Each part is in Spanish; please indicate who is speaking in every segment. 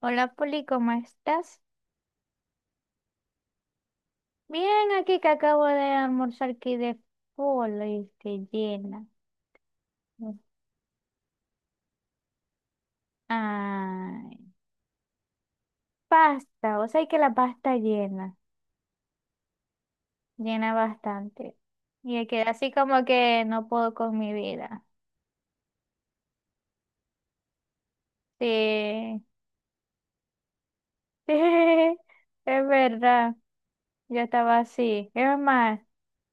Speaker 1: Hola Poli, ¿cómo estás? Bien, aquí que acabo de almorzar aquí de polo y que llena. Ay, pasta, o sea que la pasta llena, llena bastante. Y me quedé así como que no puedo con mi vida. Sí, sí, es verdad, yo estaba así. Es más,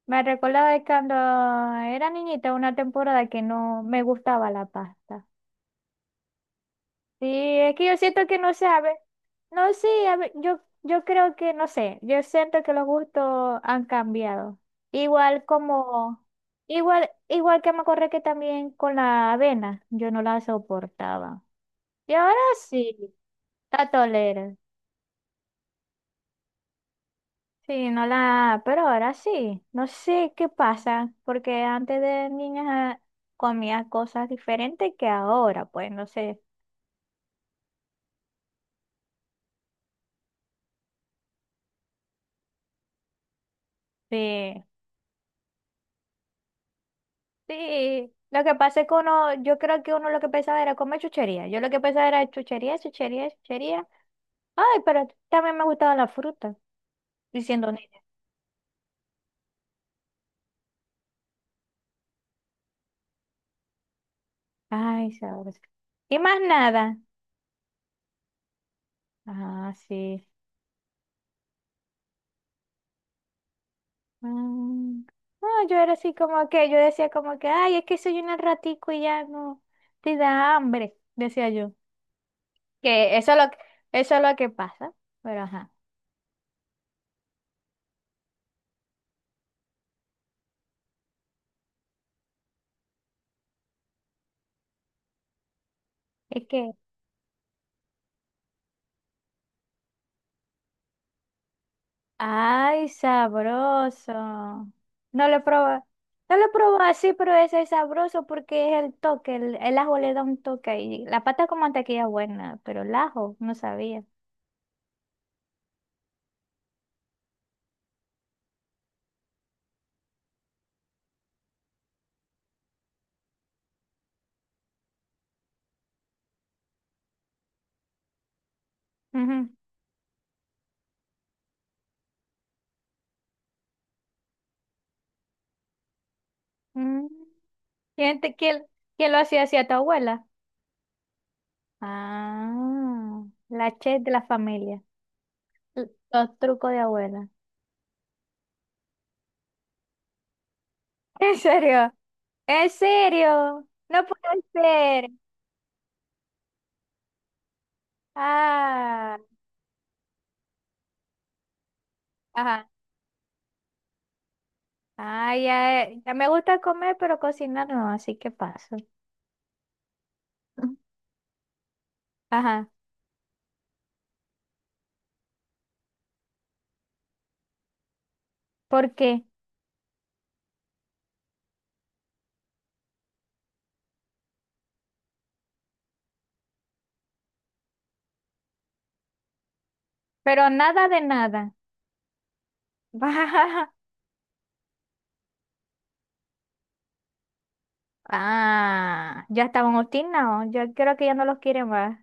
Speaker 1: me recordaba de cuando era niñita una temporada que no me gustaba la pasta. Sí, es que yo siento que no sé, a no sé, a ver, yo creo que no sé, yo siento que los gustos han cambiado. Igual como, igual, igual que me acordé que también con la avena, yo no la soportaba. Y ahora sí, la tolero. Sí, no la, pero ahora sí, no sé qué pasa, porque antes de niña comía cosas diferentes que ahora, pues no sé. Sí. Sí, lo que pasa es que uno, yo creo que uno lo que pensaba era comer chuchería. Yo lo que pensaba era chuchería, chuchería, chuchería. Ay, pero también me gustaban las frutas, diciendo niña. Ay, sabes. Y más nada. Ah, sí. Mm. No, yo era así como que, yo decía como que, ay, es que soy un ratico y ya no, te da hambre, decía yo. Que eso es lo que, eso es lo que pasa, pero ajá. Es que ay, sabroso. No lo probé. No lo probé así, pero ese es sabroso porque es el toque. El ajo le da un toque. Y la pata con mantequilla es buena, pero el ajo no sabía. Ujú. Mm. ¿Quién, te- quién- quién lo hacía así a tu abuela? Ah, la chef de la familia. L- Los trucos de abuela. ¿En serio? ¿En serio? No puede ser. Ah, ajá. Ah, ya, ya me gusta comer, pero cocinar no, así que paso. Ajá, ¿por qué? Pero nada de nada. Ah, ya estaban obstinados, yo creo que ya no los quieren más.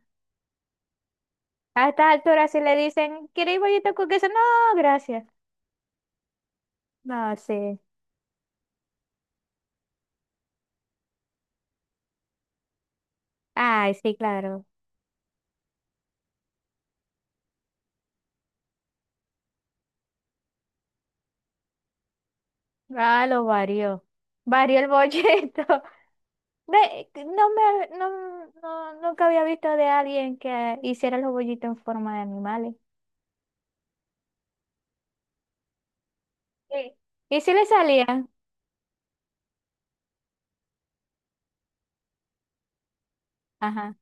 Speaker 1: A estas alturas si le dicen, ¿quieres bollito con queso? No, gracias. No, sí. Ay, sí, claro. Ah, lo varió. Varió el bollito. Ve, no me, no, no, nunca había visto de alguien que hiciera los bollitos en forma de animales. Sí. ¿Y si le salía? Ajá.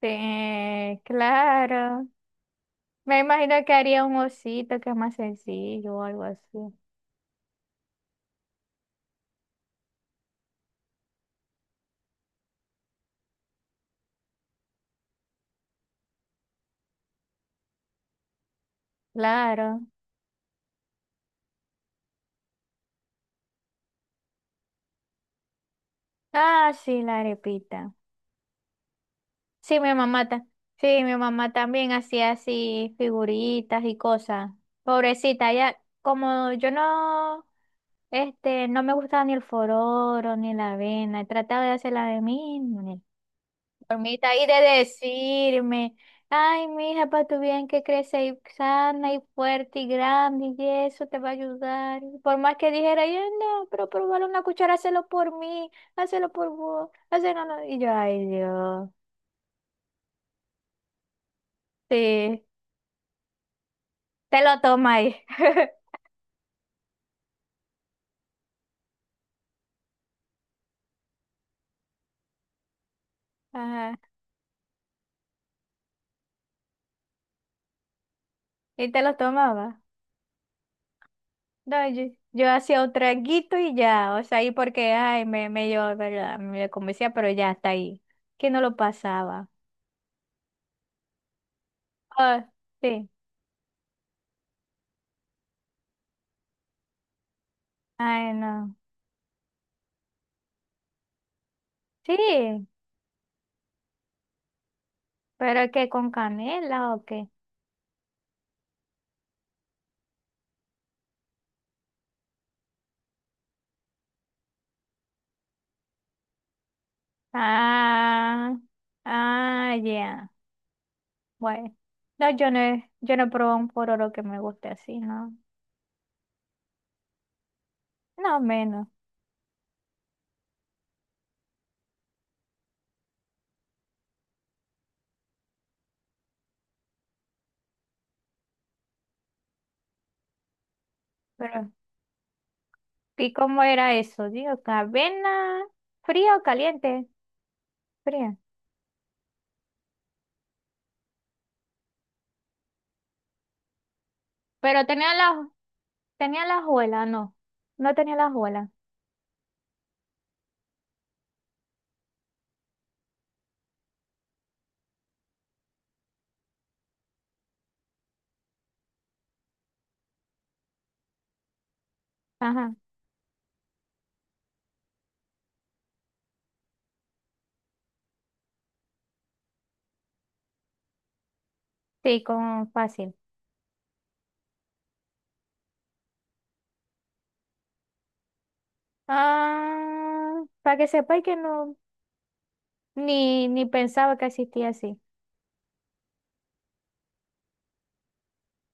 Speaker 1: Sí, claro. Me imagino que haría un osito que es más sencillo o algo así. Claro. Ah, sí, la arepita. Sí, mi mamá, ta- sí, mi mamá también hacía así figuritas y cosas. Pobrecita, ya como yo no, no me gustaba ni el fororo ni la avena, trataba de hacerla de mí, formita ahí de decirme, ay, mija, para tu bien que crece y sana y fuerte y grande y eso te va a ayudar. Y por más que dijera, yo no, pero probar una cuchara, hazlo por mí, hazlo por vos, hazlo, no. No. Y yo, ay, Dios, sí, te lo toma ahí. Ajá, y te lo tomaba. No, yo hacía un traguito y ya, o sea, ahí porque, ay, me yo, ¿verdad? Me convencía, pero ya está ahí, que no lo pasaba. Ah, sí, ay, no. Sí, pero que con canela o qué. Ah, ah, ya. Bueno, no, yo no he probado un pororo que me guste así, ¿no? No menos. Pero, ¿y cómo era eso? Digo, ¿avena fría o caliente? Fría. Pero tenía la hojuela, no. No tenía la hojuela. Ajá. Sí, con fácil. Ah, para que sepáis que no, ni, ni pensaba que existía así.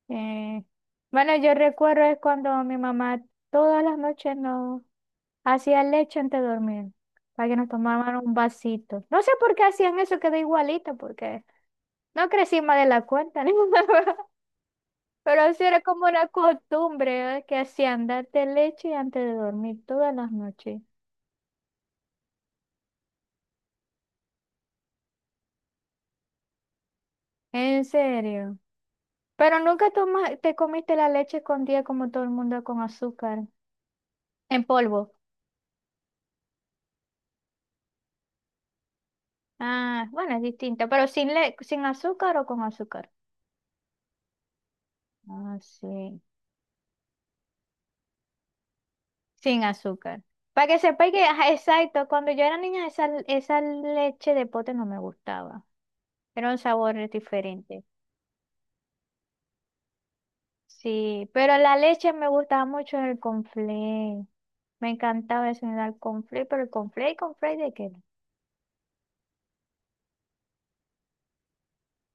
Speaker 1: Eh, bueno, yo recuerdo es cuando mi mamá todas las noches nos hacía leche antes de dormir, para que nos tomaran un vasito. No sé por qué hacían eso, quedó igualita porque no crecí más de la cuenta, ni nada, pero sí era como una costumbre, ¿eh? Que hacían darte leche antes de dormir todas las noches. En serio. Pero nunca toma- te comiste la leche escondida como todo el mundo con azúcar, en polvo. Ah, bueno, es distinto, pero sin, le sin azúcar o con azúcar. Ah, sí. Sin azúcar. Para que sepáis que, ajá, exacto, cuando yo era niña esa, esa leche de pote no me gustaba. Era un sabor diferente. Sí, pero la leche me gustaba mucho en el conflé. Me encantaba eso en el conflé, pero el conflé y conflé de qué?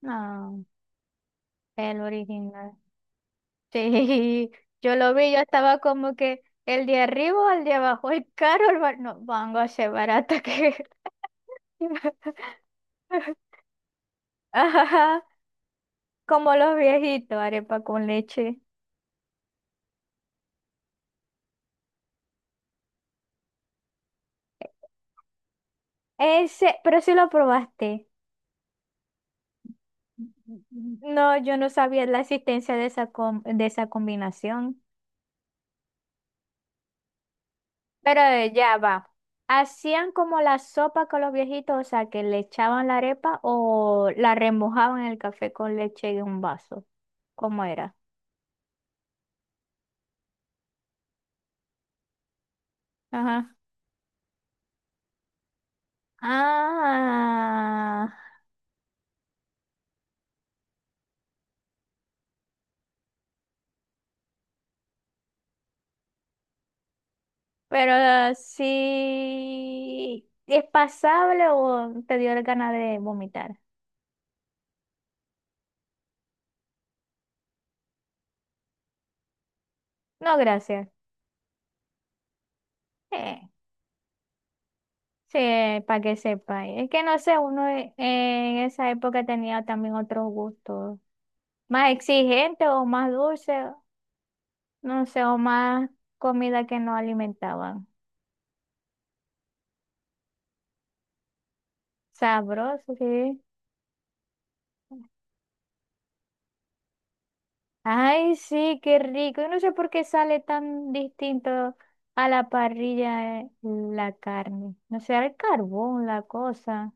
Speaker 1: No, el original. Sí, yo lo vi, yo estaba como que el de arriba, o el de abajo, el caro, el bar... no, vango a ser barata que... Ajá, como los viejitos, arepa con leche. Ese, pero sí lo probaste. No, yo no sabía la existencia de esa, com- de esa combinación. Pero ya va. ¿Hacían como la sopa con los viejitos? O sea, que le echaban la arepa o la remojaban en el café con leche en un vaso. ¿Cómo era? Ajá. Ah, pero sí. ¿Es pasable o te dio ganas de vomitar? No, gracias. Eh, sí, para que sepa. Es que no sé, uno en esa época tenía también otros gustos, más exigentes o más dulces, no sé, o más comida que no alimentaban. Sabroso, sí. Ay, sí, qué rico. Yo no sé por qué sale tan distinto a la parrilla la carne. No sé, el carbón, la cosa.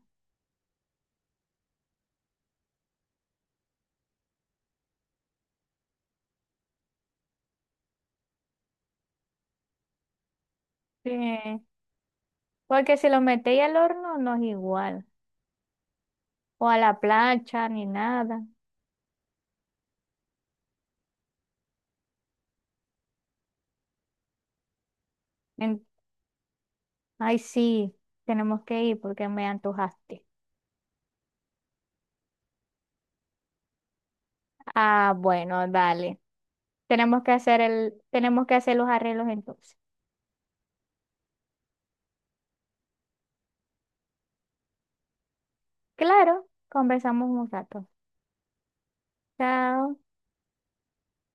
Speaker 1: Sí. Porque si lo metéis al horno no es igual. O a la plancha ni nada. Ay, sí, tenemos que ir porque me antojaste. Ah, bueno, dale. Tenemos que hacer el, tenemos que hacer los arreglos entonces. Claro, conversamos un rato. Chao.